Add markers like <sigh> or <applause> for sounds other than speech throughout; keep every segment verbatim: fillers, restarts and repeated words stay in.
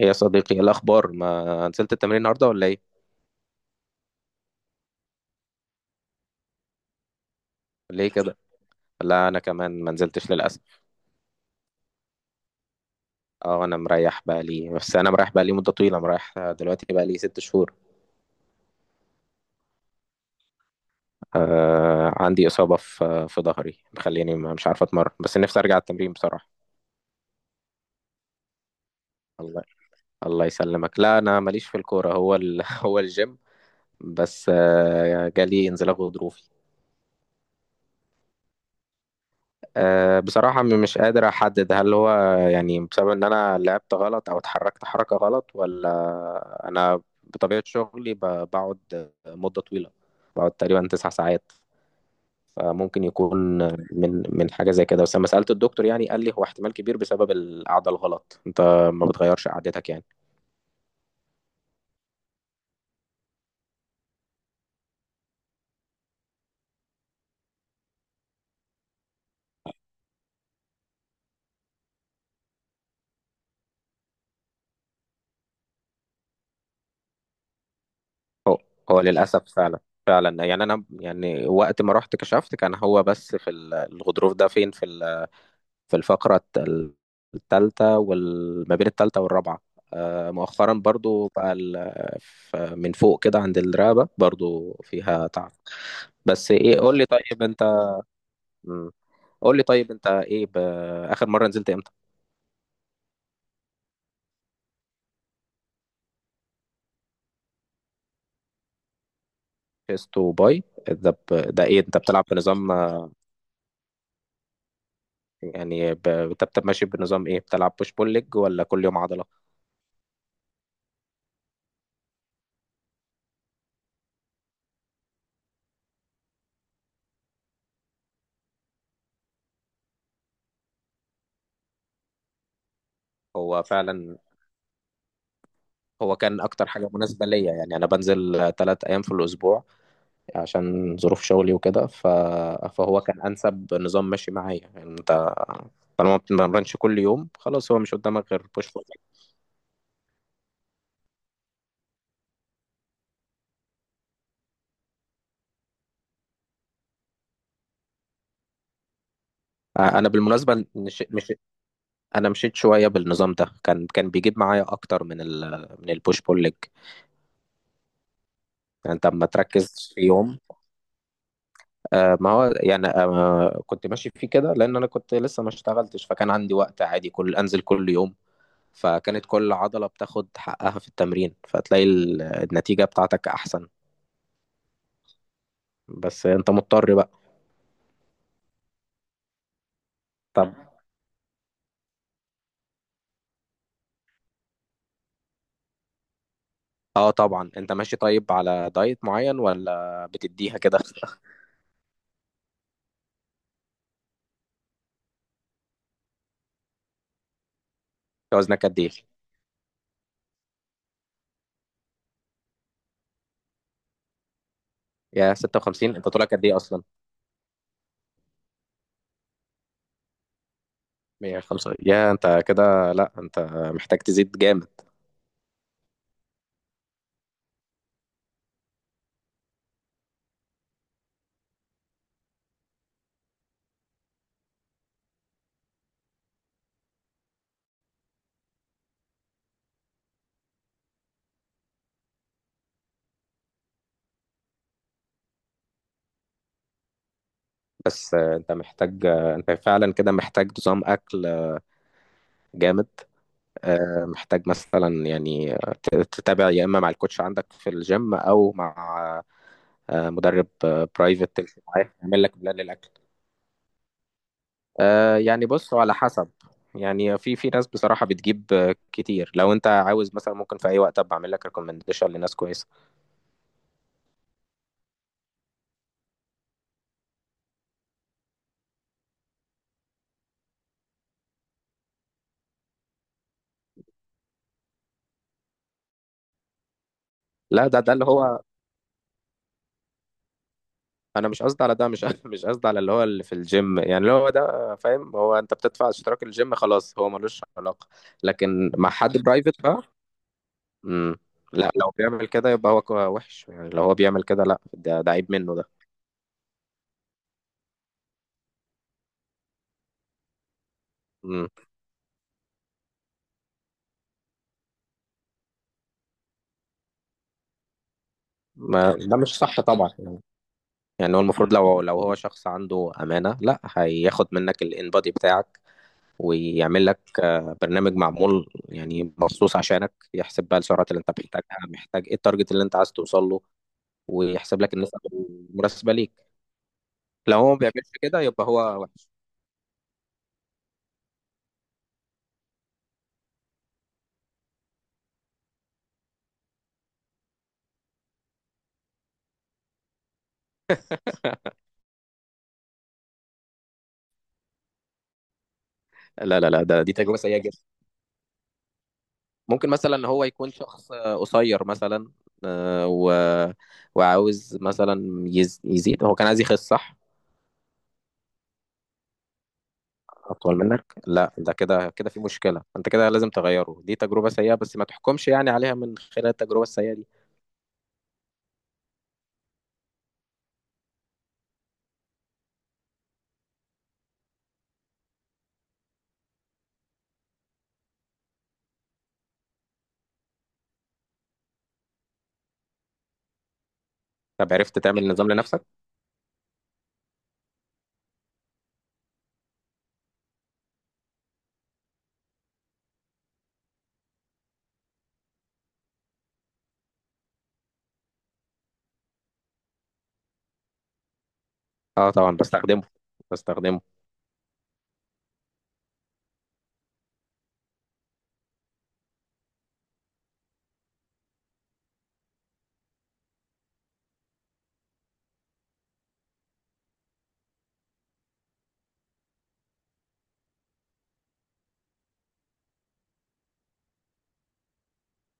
ايه يا صديقي، إيه الاخبار؟ ما نزلت التمرين النهارده ولا ايه؟ ليه كده؟ لا انا كمان ما نزلتش للاسف. اه انا مريح بقى لي، بس انا مريح بقى لي مده طويله، مريح دلوقتي بقى لي ست شهور. آه عندي اصابه في في ظهري مخليني ما- مش عارف اتمرن، بس نفسي ارجع التمرين بصراحه. الله، الله يسلمك. لا انا ماليش في الكوره، هو ال... <laughs> هو الجيم، بس آه جالي انزلاق غضروفي. أه بصراحة، م- مش قادر أحدد هل هو يعني بسبب إن أنا لعبت غلط أو اتحركت حركة غلط، ولا أنا بطبيعة شغلي ب- بقعد مدة طويلة. بقعد تقريبا تسع ساعات، فممكن يكون من من حاجة زي كده. بس لما سألت الدكتور يعني قال لي هو احتمال كبير بسبب القعدة الغلط. أنت ما بتغيرش قعدتك يعني؟ هو هو للأسف فعلا، فعلا. يعني أنا يعني وقت ما رحت كشفت كان هو بس في ال- الغضروف ده فين، في في الفقرة الت- التالتة، وما بين التالتة والرابعة. آه، مؤخرا برضو بقى ال- ف- من فوق كده عند الرقبة برضو فيها تعب. بس ايه، قول لي طيب انت، مم. قول لي طيب انت ايه ب... اخر مرة نزلت امتى؟ شيست وباي، ده ب... ده ايه، انت بتلعب بنظام آه، يعني ب... انت بت- ماشي بنظام ايه؟ بتلعب بوش بول ليج ولا كل يوم عضلة؟ هو فعلا هو كان اكتر حاجة مناسبة ليا. يعني انا بنزل ثلاث ايام في الاسبوع عشان ظروف شغلي وكده، ف... فهو كان انسب نظام ماشي معايا. يعني انت طالما ما بتتمرنش كل يوم خلاص، هو مش قدامك غير بوش بول. انا بالمناسبه مش... مش... انا مشيت شويه بالنظام ده، كان كان بيجيب معايا اكتر من ال... من البوش بول ليج. يعني انت اما تركز في يوم. آه ما هو يعني آه كنت ماشي فيه كده لان انا كنت لسه ما اشتغلتش، فكان عندي وقت عادي كل انزل كل يوم، فكانت كل عضله بتاخد حقها في التمرين، فتلاقي ال- النتيجه بتاعتك احسن. بس انت مضطر بقى. طب، اه طبعا، انت ماشي طيب على دايت معين ولا بتديها كده؟ <laughs> وزنك قد ايه؟ يا ستة وخمسين انت طولك قد ايه اصلا؟ مية وخمسة يا انت! كده لا، انت محتاج تزيد جامد. بس آه، انت محتاج، آه، انت فعلا كده محتاج نظام اكل جامد. آه، محتاج مثلا يعني آه، ت- تتابع يا اما مع الكوتش عندك في الجيم او مع آه، مدرب برايفت تمشي معاه يعمل لك بلان للاكل. آه يعني بص، هو على حسب. يعني في في ناس بصراحة بتجيب آه، كتير. لو انت عاوز مثلا ممكن في اي وقت ابقى اعمل لك ريكومنديشن لناس كويسة. لا، ده ده اللي هو، انا مش قصدي على ده، مش <laughs> مش قصدي على اللي هو اللي في الجيم، يعني اللي هو ده، آه، فاهم؟ هو انت بتدفع اشتراك الجيم خلاص، هو ملوش علاقة. لكن مع حد برايفت بقى. امم. لا لو بيعمل كده يبقى هو كو- وحش، يعني لو هو بيعمل كده لا، ده ده عيب منه ده. امم. ما ده مش صح طبعا. يعني هو المفروض لو لو هو شخص عنده أمانة، لا هياخد منك الانبادي بتاعك ويعمل لك آه، برنامج معمول يعني مخصوص عشانك، يحسب بقى السعرات اللي انت محتاجها، محتاج ايه، التارجت اللي انت عايز توصل له، ويحسب لك النسب المناسبة ليك. لو هو ما بيعملش كده يبقى هو وحش. لا لا لا، ده دي تجربة سيئة جدا. ممكن مثلا هو يكون شخص آه، قصير مثلا، آه، و... وعاوز مثلا يز... يزيد، هو كان عايز يخس صح؟ اطول منك؟ لا ده كده كده في مشكله، انت كده لازم تغيره. دي تجربه سيئه، بس ما تحكمش يعني عليها من خلال التجربه السيئه دي. طب عرفت تعمل نظام لنفسك. اه طبعا بستخدمه، بستخدمه.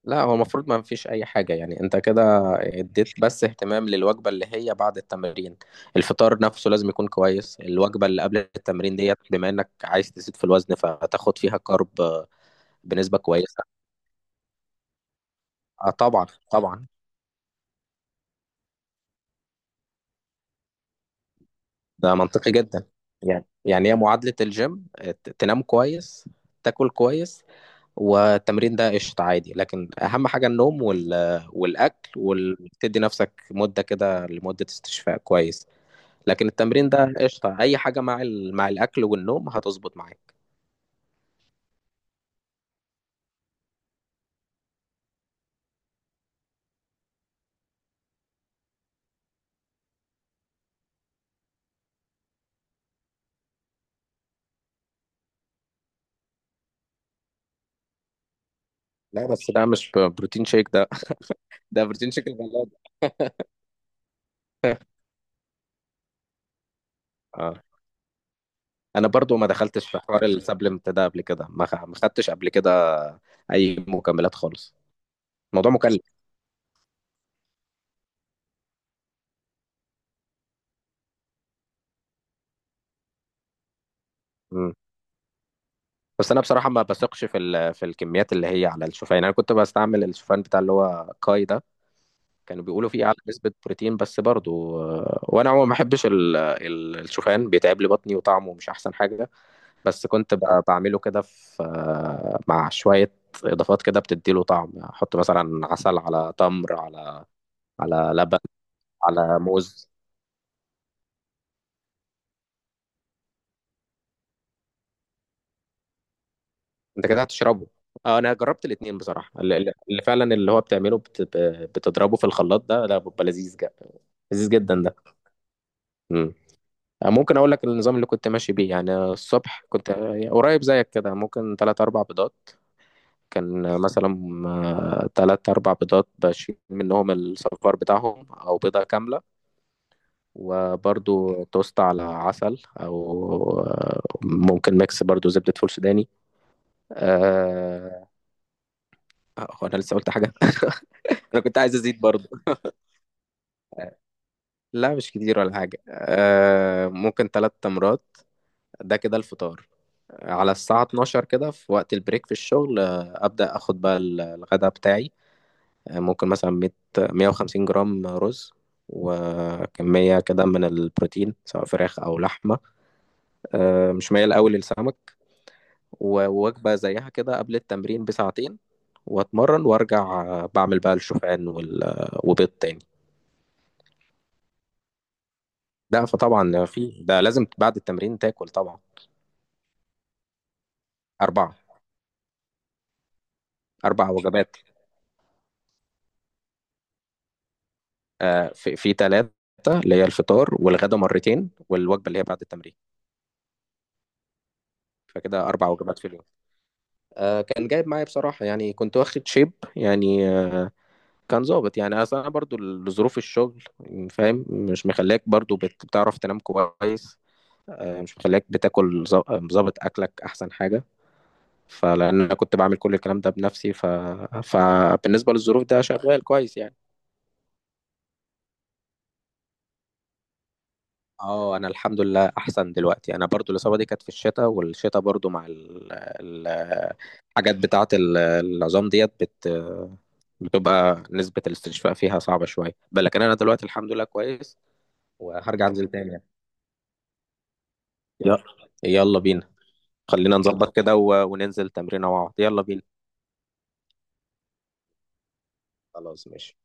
لا هو المفروض ما فيش اي حاجه، يعني انت كده اديت بس اهتمام للوجبه اللي هي بعد التمرين. الفطار نفسه لازم يكون كويس، الوجبه اللي قبل التمرين ديت بما انك عايز تزيد في الوزن فتاخد فيها كارب بنسبه كويسه. اه طبعا طبعا. ده منطقي جدا. يعني يعني هي معادلة الجيم، ت- تنام كويس، تاكل كويس، والتمرين ده قشطة عادي. لكن أهم حاجة النوم وال... والأكل، وتدي نفسك مدة كده لمدة استشفاء كويس. لكن التمرين ده قشطة، أي حاجة مع ال... مع الأكل والنوم هتظبط معاك. لا بس ده مش ب- بروتين شيك ده. <laughs> ده بروتين شيك الغلابة. <laughs> اه، أنا برضو ما دخلتش في حوار السبلمنت ده قبل كده، ما خ- ما خدتش قبل كده أي مكملات خالص. الموضوع مكلف. بس انا بصراحه ما بثقش في ال... في الكميات اللي هي على الشوفان. يعني انا كنت بستعمل الشوفان بتاع اللي هو كاي ده، كانوا بيقولوا فيه اعلى نسبه بروتين. بس برضو آه، وانا عموما ما بحبش ال... ال- الشوفان بيتعب لي بطني وطعمه مش احسن حاجه. بس كنت ب... بعمله كده في آه، مع شويه اضافات كده بتديله طعم، احط مثلا عسل على تمر على على لبن على موز. انت كده هتشربه. اه، انا جربت الاتنين بصراحه، اللي, اللي فعلا اللي هو بتعمله بت... بتضربه في الخلاط ده، ده بيبقى لذيذ جدا، لذيذ جدا ده. مم. ممكن اقول لك النظام اللي كنت ماشي بيه. يعني الصبح كنت قريب زيك كده، ممكن تلات اربع بيضات. كان مثلا آه، تلات اربع بيضات بشيل منهم الصفار بتاعهم، او بيضة كاملة، وبرضو توست على عسل، او آه، ممكن ميكس برضو زبدة فول سوداني. أه... هو انا لسه قلت حاجة؟ <laughs> انا كنت عايز ازيد برضو. لا مش كتير ولا حاجة. أه... ممكن تلات تمرات. ده كده الفطار. على الساعة اتناشر كده في وقت البريك في الشغل، آه، أبدأ أخد بقى ال- الغداء بتاعي. آه، ممكن مثلا مائة مية وخمسين جرام رز، وكمية كده من البروتين سواء فراخ أو لحمة. آه، مش مايل أوي للسمك. ووجبة زيها كده قبل التمرين بساعتين، وأتمرن وأرجع، آه، بعمل بقى الشوفان وال... آه، وبيض تاني. ده فطبعا في ده لازم بعد التمرين تاكل طبعا. أربعة. أربع وجبات. آه، في في ثلاثة، اللي هي الفطار والغدا مرتين والوجبة اللي هي بعد التمرين. فكده أربع وجبات في اليوم. آه كان جايب معايا بصراحة، يعني كنت واخد شيب يعني، آه كان ظابط يعني. أصل أنا برضو ظروف الشغل، فاهم، مش مخليك برضو بت- بتعرف تنام كويس، آه مش مخليك بتاكل، ظ- ظابط أكلك أحسن حاجة. فلأن أنا كنت بعمل كل الكلام ده بنفسي، ف... فبالنسبة للظروف ده شغال كويس يعني. اه انا الحمد لله احسن دلوقتي. انا برضو الاصابه دي كانت في الشتاء، والشتاء برضو مع ال- ال- الحاجات بتاعه ال- العظام ديت بت بتبقى نسبه الاستشفاء فيها صعبه شويه، بل لكن انا دلوقتي الحمد لله كويس، وهرجع انزل تاني يعني. يلا، يلا بينا، خلينا نظبط كده و- وننزل تمرينه مع بعض. يلا بينا. خلاص ماشي.